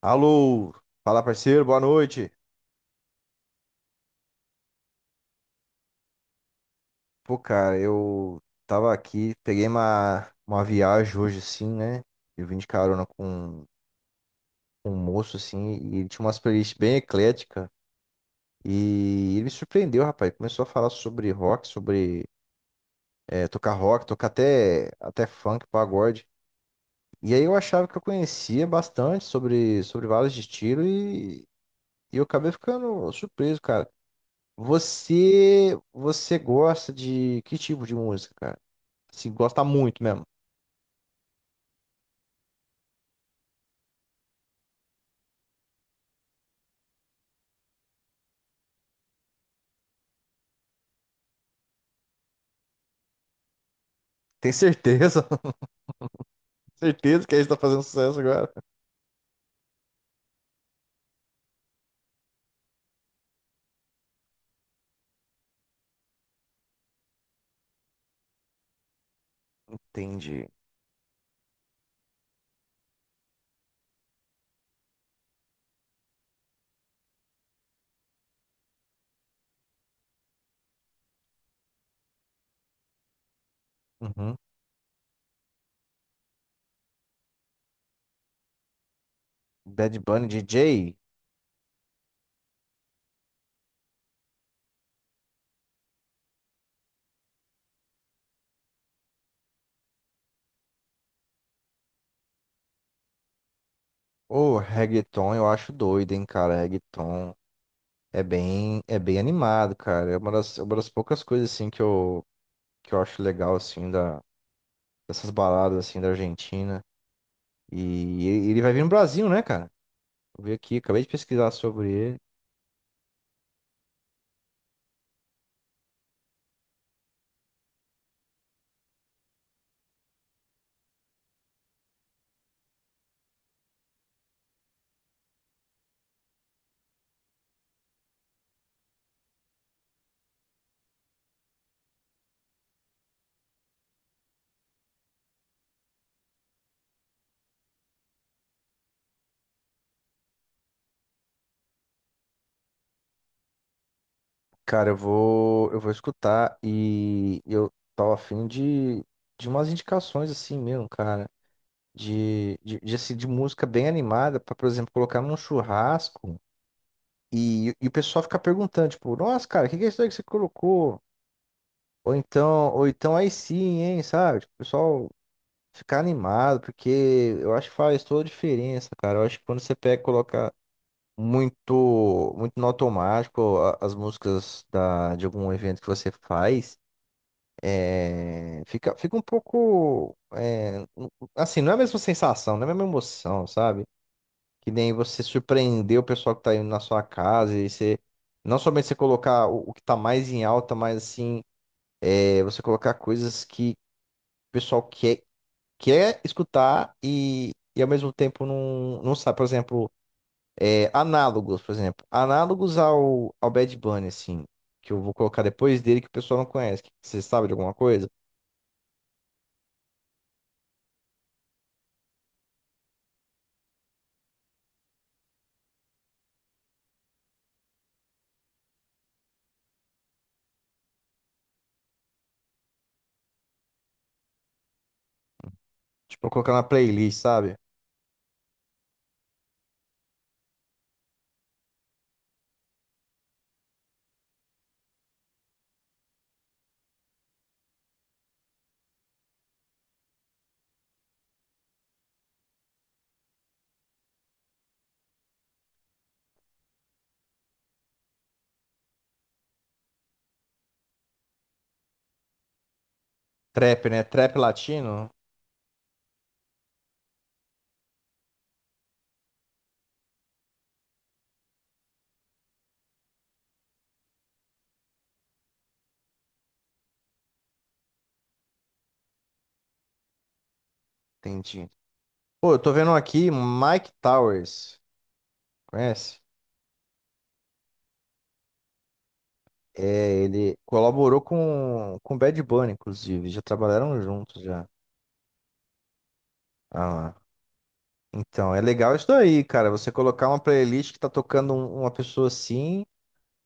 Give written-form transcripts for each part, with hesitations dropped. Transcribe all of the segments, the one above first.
Alô, fala parceiro, boa noite. Pô, cara, eu tava aqui, peguei uma viagem hoje assim, né? Eu vim de carona com um moço assim, e ele tinha umas playlists bem ecléticas. E ele me surpreendeu, rapaz. Começou a falar sobre rock, sobre tocar rock, tocar até funk, pagode. E aí eu achava que eu conhecia bastante sobre vários estilos e eu acabei ficando surpreso, cara. Você gosta de que tipo de música, cara? Se gosta muito mesmo. Tem certeza? Certeza que a gente tá fazendo sucesso agora. Entendi. Uhum. Bad Bunny DJ? Ô, reggaeton eu acho doido, hein, cara. Reggaeton é bem animado, cara. É uma das poucas coisas, assim, que eu acho legal, assim, dessas baladas, assim, da Argentina. E ele vai vir no Brasil, né, cara? Eu vi aqui, acabei de pesquisar sobre ele. Cara, eu vou escutar e eu tava afim de umas indicações assim mesmo, cara. De música bem animada pra, por exemplo, colocar num churrasco e o pessoal fica perguntando, tipo, nossa, cara, o que que é isso aí que você colocou? Ou então aí sim, hein, sabe? Tipo, o pessoal ficar animado, porque eu acho que faz toda a diferença, cara. Eu acho que quando você pega e coloca muito no automático as músicas de algum evento que você faz. É, fica um pouco. Não é a mesma sensação, não é a mesma emoção, sabe? Que nem você surpreender o pessoal que tá indo na sua casa e você. Não somente você colocar o que tá mais em alta, mas assim, você colocar coisas que o pessoal quer escutar e ao mesmo tempo não sabe. Por exemplo, análogos, por exemplo. Análogos ao Bad Bunny, assim, que eu vou colocar depois dele que o pessoal não conhece. Que Você sabe de alguma coisa? Tipo, eu vou colocar na playlist, sabe? Trap, né? Trap latino? Entendi. Pô, eu tô vendo um aqui Mike Towers, conhece? É, ele colaborou com Bad Bunny, inclusive, já trabalharam juntos já. Ah, lá. Então, é legal isso daí, cara, você colocar uma playlist que tá tocando uma pessoa assim,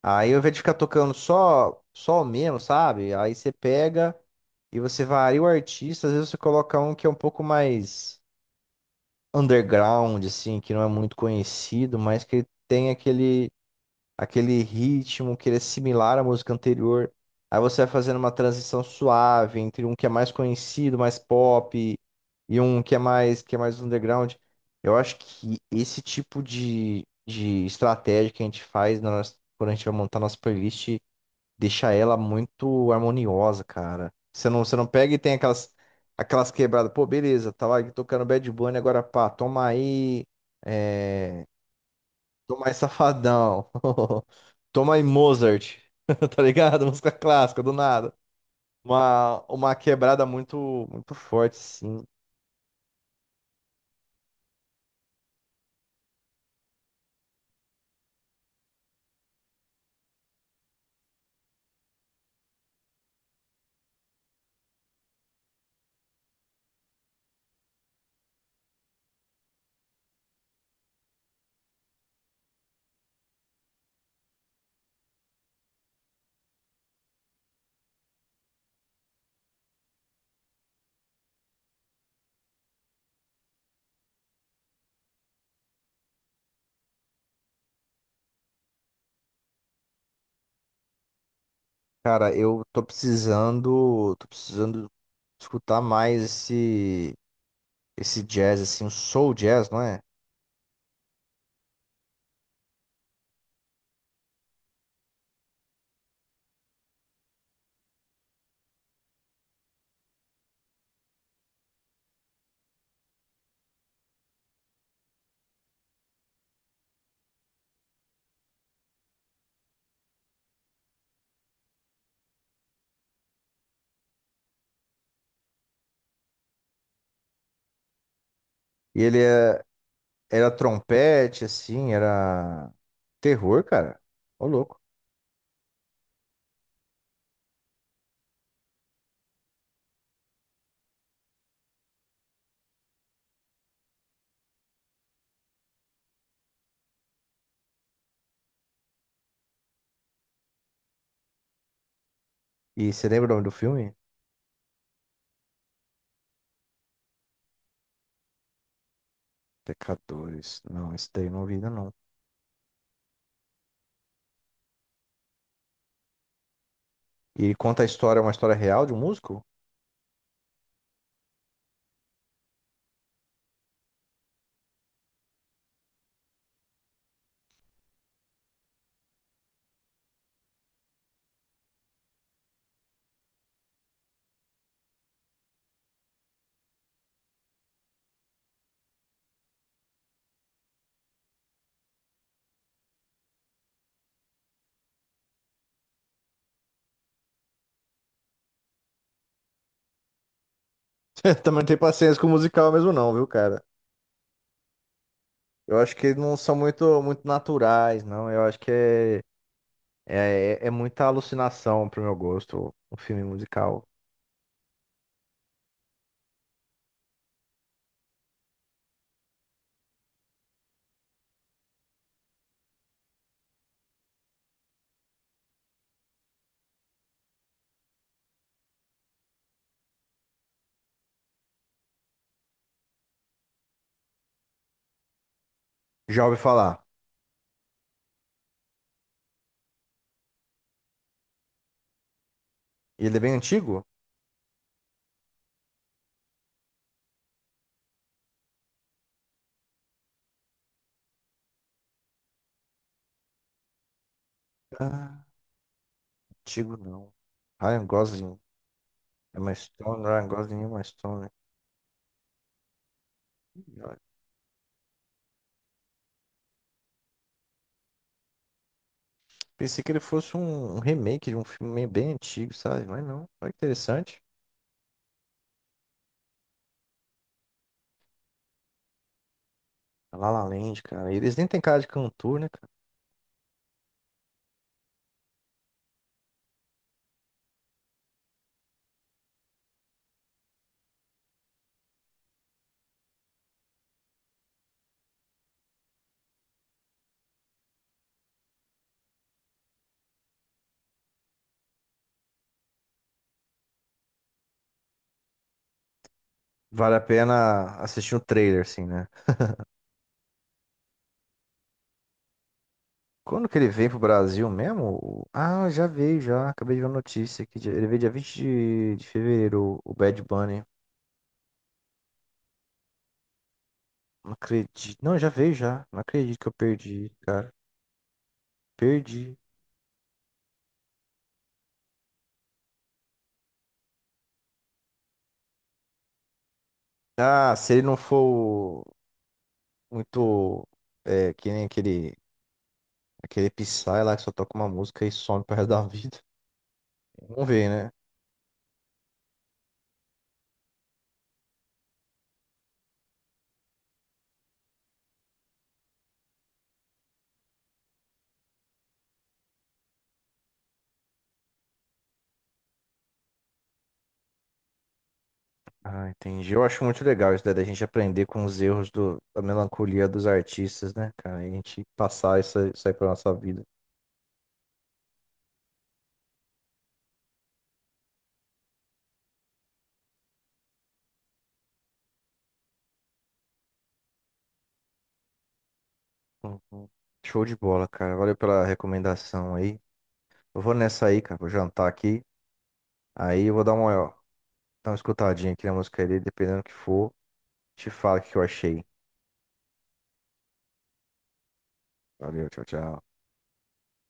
aí ao invés de ficar tocando só o mesmo, sabe? Aí você pega e você varia o artista, às vezes você coloca um que é um pouco mais underground, assim, que não é muito conhecido, mas que tem aquele ritmo que ele é similar à música anterior. Aí você vai fazendo uma transição suave entre um que é mais conhecido, mais pop, e um que é que é mais underground. Eu acho que esse tipo de estratégia que a gente faz na nossa- quando a gente vai montar nossa playlist deixa ela muito harmoniosa, cara. Você não pega e tem aquelas quebradas. Pô, beleza, tava aqui tocando Bad Bunny, agora pá, toma aí. eh, Toma aí, Safadão. Toma aí, Mozart. Tá ligado? Música clássica, do nada. Uma quebrada muito forte, sim. Cara, tô precisando escutar mais esse jazz, assim, o soul jazz, não é? E era trompete, era terror, cara. Ô, louco. E você lembra o nome do filme? Pecadores. Não, esse daí eu não vi ainda não. E conta a história, uma história real de um músico? Também não tenho paciência com o musical mesmo não, viu, cara? Eu acho que eles não são muito naturais, não. Eu acho que é muita alucinação pro meu gosto, um filme musical. Já ouvi falar. E ele é bem antigo? Ah, antigo não. Ryan Gosling. Emma Stone, Ryan Gosling e Emma Stone. Ih, olha. Pensei que ele fosse um remake de um filme bem antigo, sabe? Mas não. Olha que interessante. La La Land, cara. Eles nem têm cara de cantor, né, cara? Vale a pena assistir um trailer, assim, né? Quando que ele veio pro Brasil mesmo? Ah, já veio, já. Acabei de ver a notícia aqui. Ele veio dia 20 de fevereiro, o Bad Bunny. Não acredito. Não, já veio, já. Não acredito que eu perdi, cara. Perdi. Ah, se ele não for muito. É, que nem aquele Psy lá que só toca uma música e some pro resto da vida. Vamos ver, né? Ah, entendi. Eu acho muito legal isso daí, da gente aprender com os erros da melancolia dos artistas, né, cara? E a gente passar isso aí pra nossa vida. Uhum. Show de bola, cara. Valeu pela recomendação aí. Eu vou nessa aí, cara. Vou jantar aqui. Aí eu vou dar uma escutadinha aqui na música dele, dependendo do que for. Te falo o que eu achei. Valeu, tchau, tchau.